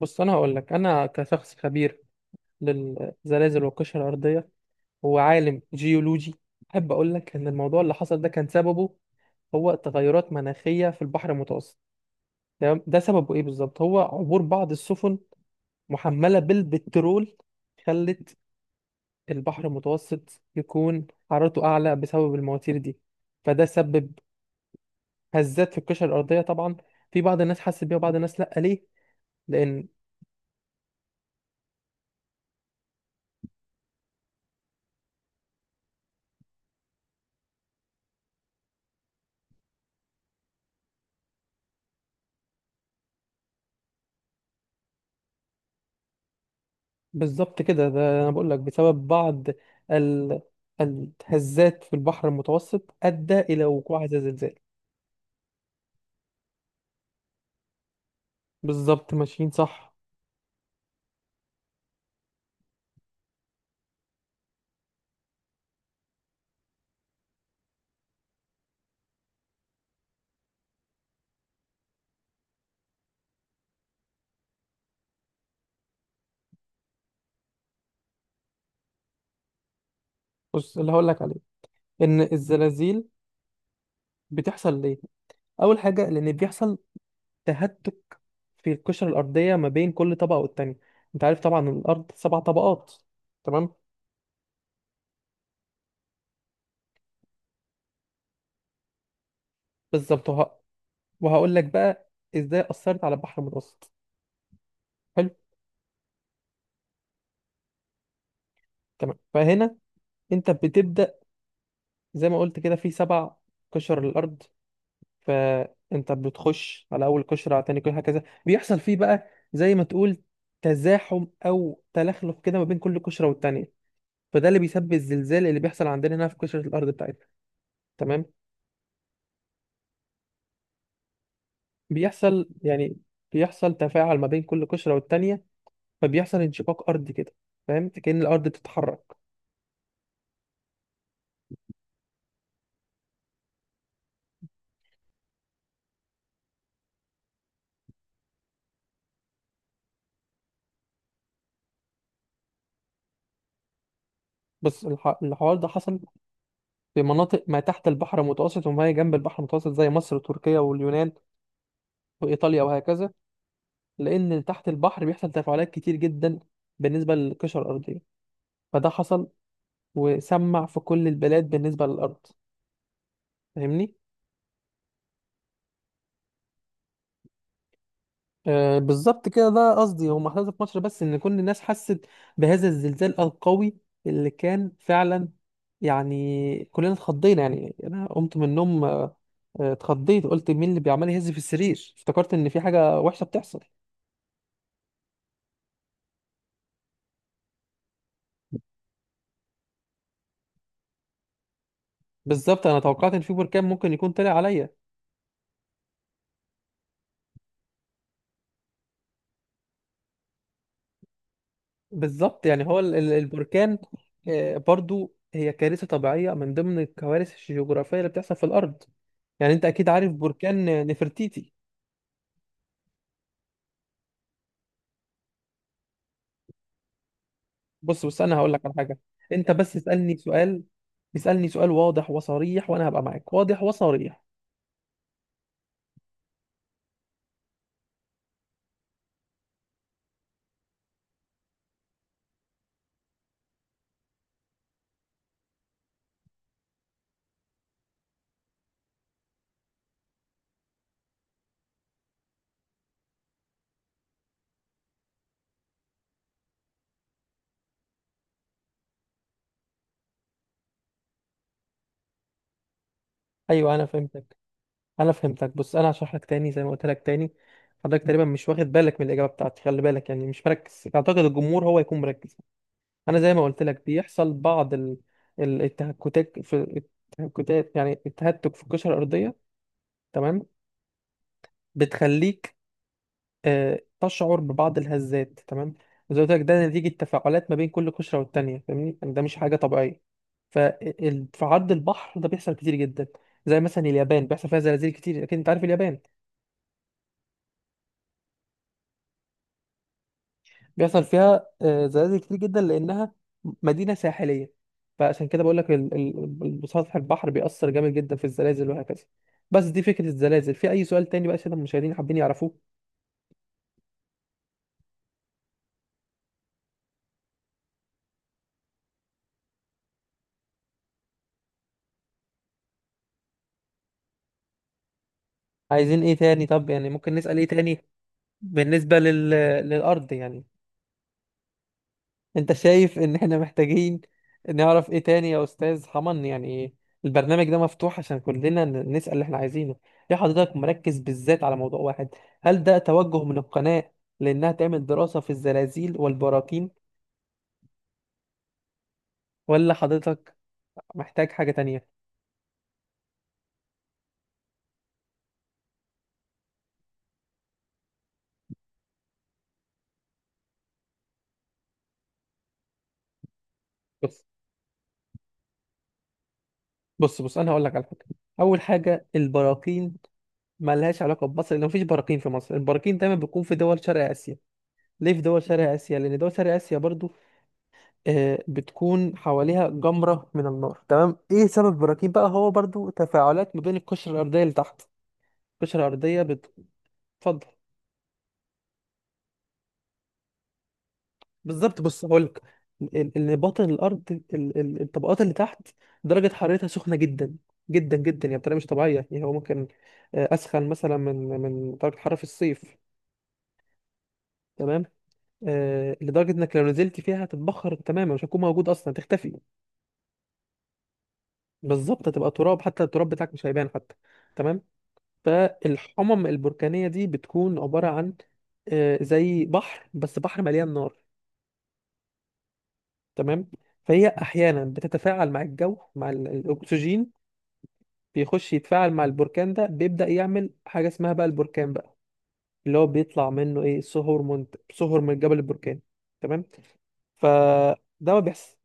بص، انا هقول لك. انا كشخص خبير للزلازل والقشره الارضيه، وعالم جيولوجي، احب اقول لك ان الموضوع اللي حصل ده كان سببه هو تغيرات مناخيه في البحر المتوسط. تمام. ده سببه ايه بالظبط؟ هو عبور بعض السفن محمله بالبترول، خلت البحر المتوسط يكون حرارته اعلى بسبب المواتير دي. فده سبب هزات في القشره الارضيه طبعا. في بعض الناس حست بيها وبعض الناس لا، ليه؟ لان بالظبط كده. ده انا بقول لك بسبب بعض ال... الهزات في البحر المتوسط ادى الى وقوع هذا الزلزال. بالظبط ماشيين صح. بص، اللي هقول لك عليه ان الزلازل بتحصل ليه. اول حاجه، لان بيحصل تهتك في القشره الارضيه ما بين كل طبقه والتانيه. انت عارف طبعا الارض سبع طبقات. تمام. بالظبط. وهقول لك بقى ازاي اثرت على البحر المتوسط. حلو. تمام. فهنا انت بتبدا زي ما قلت كده في سبع قشر الارض، فانت بتخش على اول قشره على تاني قشره، هكذا. بيحصل فيه بقى زي ما تقول تزاحم او تلخلف كده ما بين كل قشره والتانيه. فده اللي بيسبب الزلزال اللي بيحصل عندنا هنا في قشره الارض بتاعتنا. تمام. يعني بيحصل تفاعل ما بين كل قشره والتانيه، فبيحصل انشقاق ارضي كده، فاهم؟ كأن الارض بتتحرك. بص، الحوار ده حصل في مناطق ما تحت البحر المتوسط وما هي جنب البحر المتوسط، زي مصر وتركيا واليونان وايطاليا وهكذا. لأن تحت البحر بيحصل تفاعلات كتير جدا بالنسبة للقشرة الأرضية. فده حصل وسمع في كل البلاد بالنسبة للأرض. فاهمني؟ آه، بالظبط كده. ده قصدي هو محصل في مصر بس إن كل الناس حست بهذا الزلزال القوي اللي كان فعلا. يعني كلنا اتخضينا، يعني أنا قمت من النوم، اتخضيت، قلت مين اللي بيعمل يهز في السرير، افتكرت إن في حاجة وحشة بتحصل. بالظبط. أنا توقعت إن في بركان ممكن يكون طلع عليا. بالظبط، يعني هو البركان. آه، برضو هي كارثة طبيعية من ضمن الكوارث الجغرافية اللي بتحصل في الأرض. يعني أنت أكيد عارف بركان نفرتيتي. بص بص، أنا هقول لك على حاجة. أنت بس اسألني سؤال. اسألني سؤال واضح وصريح وأنا هبقى معاك واضح وصريح. أيوه، أنا فهمتك، أنا فهمتك. بص، أنا هشرح لك تاني، زي ما قلت لك تاني. حضرتك تقريبا مش واخد بالك من الإجابة بتاعتي. خلي بالك، يعني مش مركز. أعتقد الجمهور هو يكون مركز. انا زي ما قلت لك بيحصل بعض التهكتات في التهكتات، يعني التهتك في القشره الارضيه. تمام. بتخليك تشعر ببعض الهزات. تمام. وزي ما قلت لك، ده نتيجه تفاعلات ما بين كل قشره والتانيه. فاهمني؟ يعني ده مش حاجه طبيعيه. ففي عرض البحر ده بيحصل كتير جدا. زي مثلا اليابان، بيحصل فيها زلازل كتير، اكيد انت عارف اليابان. بيحصل فيها زلازل كتير جدا، لانها مدينه ساحليه. فعشان كده بقول لك سطح البحر بيأثر جامد جدا في الزلازل وهكذا. بس دي فكره الزلازل. في اي سؤال تاني بقى عشان المشاهدين حابين يعرفوه؟ عايزين ايه تاني؟ طب يعني ممكن نسأل ايه تاني بالنسبه للارض يعني. انت شايف ان احنا محتاجين نعرف ايه تاني يا استاذ حمن؟ يعني البرنامج ده مفتوح عشان كلنا نسأل اللي احنا عايزينه. ليه حضرتك مركز بالذات على موضوع واحد؟ هل ده توجه من القناة لانها تعمل دراسة في الزلازل والبراكين، ولا حضرتك محتاج حاجة تانية؟ بص بص بص، انا هقول لك على حاجة. اول حاجة، البراكين ملهاش علاقة بمصر، لان مفيش براكين في مصر. البراكين دايما بيكون في دول شرق اسيا. ليه في دول شرق اسيا؟ لان دول شرق اسيا برضو بتكون حواليها جمرة من النار. تمام. ايه سبب البراكين بقى؟ هو برضو تفاعلات ما بين القشرة الأرضية اللي تحت القشرة الأرضية، بتفضل. بالظبط، بص هقولك، اللي باطن الأرض الطبقات اللي تحت، درجة حرارتها سخنة جدا جدا جدا. يعني بطريقة مش طبيعية. يعني هو ممكن أسخن مثلا من درجة حرارة في الصيف. تمام. لدرجة إنك لو نزلت فيها هتتبخر تماما، مش هتكون موجود أصلا، هتختفي. بالظبط، هتبقى تراب، حتى التراب بتاعك مش هيبان حتى. تمام. فالحمم البركانية دي بتكون عبارة عن زي بحر، بس بحر مليان نار. تمام. فهي أحيانا بتتفاعل مع الجو، مع الأكسجين. بيخش يتفاعل مع البركان ده، بيبدأ يعمل حاجة اسمها بقى البركان بقى. اللي هو بيطلع منه إيه؟ صهور من الجبل البركاني. تمام. فده ما بيحصل.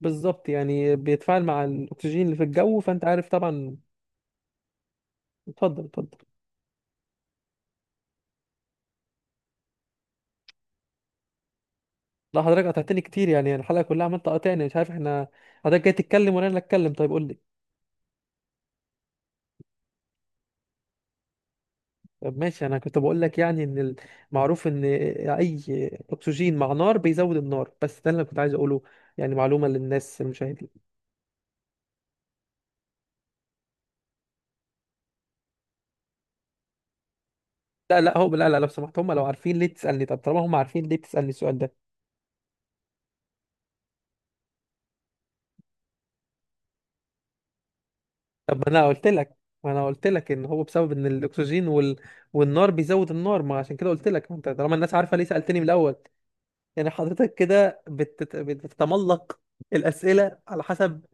بالظبط، يعني بيتفاعل مع الأكسجين اللي في الجو. فأنت عارف طبعا. اتفضل، اتفضل. لا، حضرتك قطعتني كتير، يعني الحلقة كلها عمال تقاطعني، مش عارف احنا حضرتك جاي تتكلم ولا انا اللي اتكلم؟ طيب قول لي. طب ماشي. انا كنت بقول لك يعني ان المعروف ان اي اكسجين مع نار بيزود النار. بس ده اللي أنا كنت عايز اقوله، يعني معلومة للناس المشاهدين. لا لا، هو لا لا، لو سمحت. هم لو عارفين ليه تسألني؟ طب طالما هم عارفين، ليه بتسألني السؤال ده؟ طب ما انا قلت لك ان هو بسبب ان الاكسجين والنار بيزود النار. ما عشان كده قلت لك، ما انت طالما الناس عارفة، ليه سألتني من الاول؟ يعني حضرتك كده بتتملق الأسئلة على حسب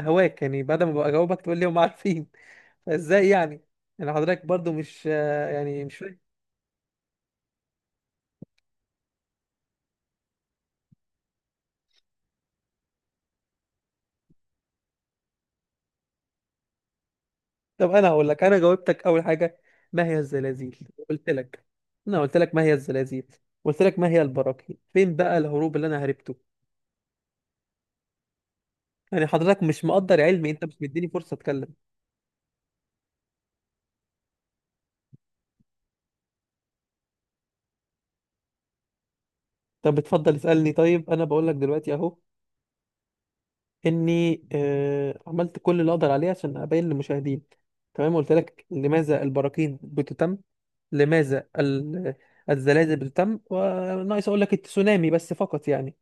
هواك. يعني بعد ما بجاوبك تقول لي هم عارفين، فازاي يعني؟ يعني حضرتك برضو مش، يعني مش فاهم. طب انا هقول لك، انا جاوبتك. اول حاجة ما هي الزلازل؟ قلت لك انا قلت لك ما هي الزلازل. قلت لك ما هي البراكين. فين بقى الهروب اللي انا هربته؟ يعني حضرتك مش مقدر علمي، انت مش مديني فرصة اتكلم. طب اتفضل اسألني. طيب انا بقول لك دلوقتي اهو اني عملت كل اللي اقدر عليه عشان ابين للمشاهدين. تمام. قلت لك لماذا البراكين بتتم، لماذا الزلازل بتتم، وناقص اقول لك التسونامي بس فقط يعني.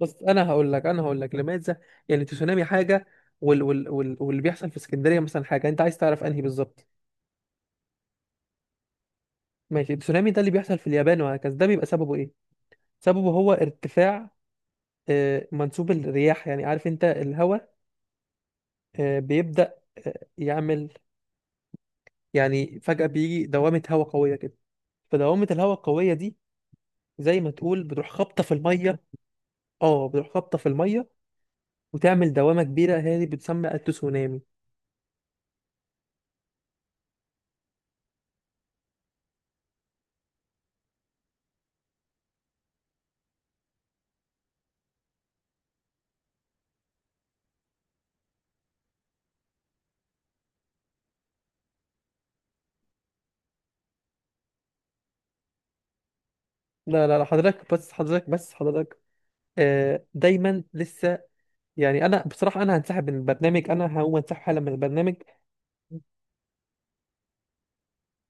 بس انا هقول لك لماذا. يعني التسونامي حاجه، واللي بيحصل في اسكندريه مثلا حاجه. انت عايز تعرف انهي بالظبط؟ ماشي. التسونامي ده اللي بيحصل في اليابان وهكذا، ده بيبقى سببه ايه؟ سببه هو ارتفاع منسوب الرياح. يعني عارف انت الهواء بيبدأ يعمل، يعني فجأة بيجي دوامة هواء قوية كده. فدوامة الهواء القوية دي زي ما تقول بتروح خابطة في المية. اه، بتروح خابطة في المية وتعمل دوامة كبيرة، هي دي بتسمى التسونامي. لا لا لا، حضرتك بس، حضرتك بس، حضرتك. آه دايما لسه، يعني انا بصراحة، انا هنسحب من البرنامج. انا هقوم انسحب حالا من البرنامج.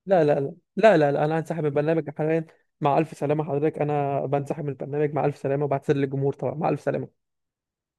لا لا لا لا لا، لا، انا هنسحب من البرنامج حاليا. مع الف سلامة حضرتك، انا بنسحب من البرنامج. مع الف سلامة، وبعتذر للجمهور طبعا. مع الف سلامة.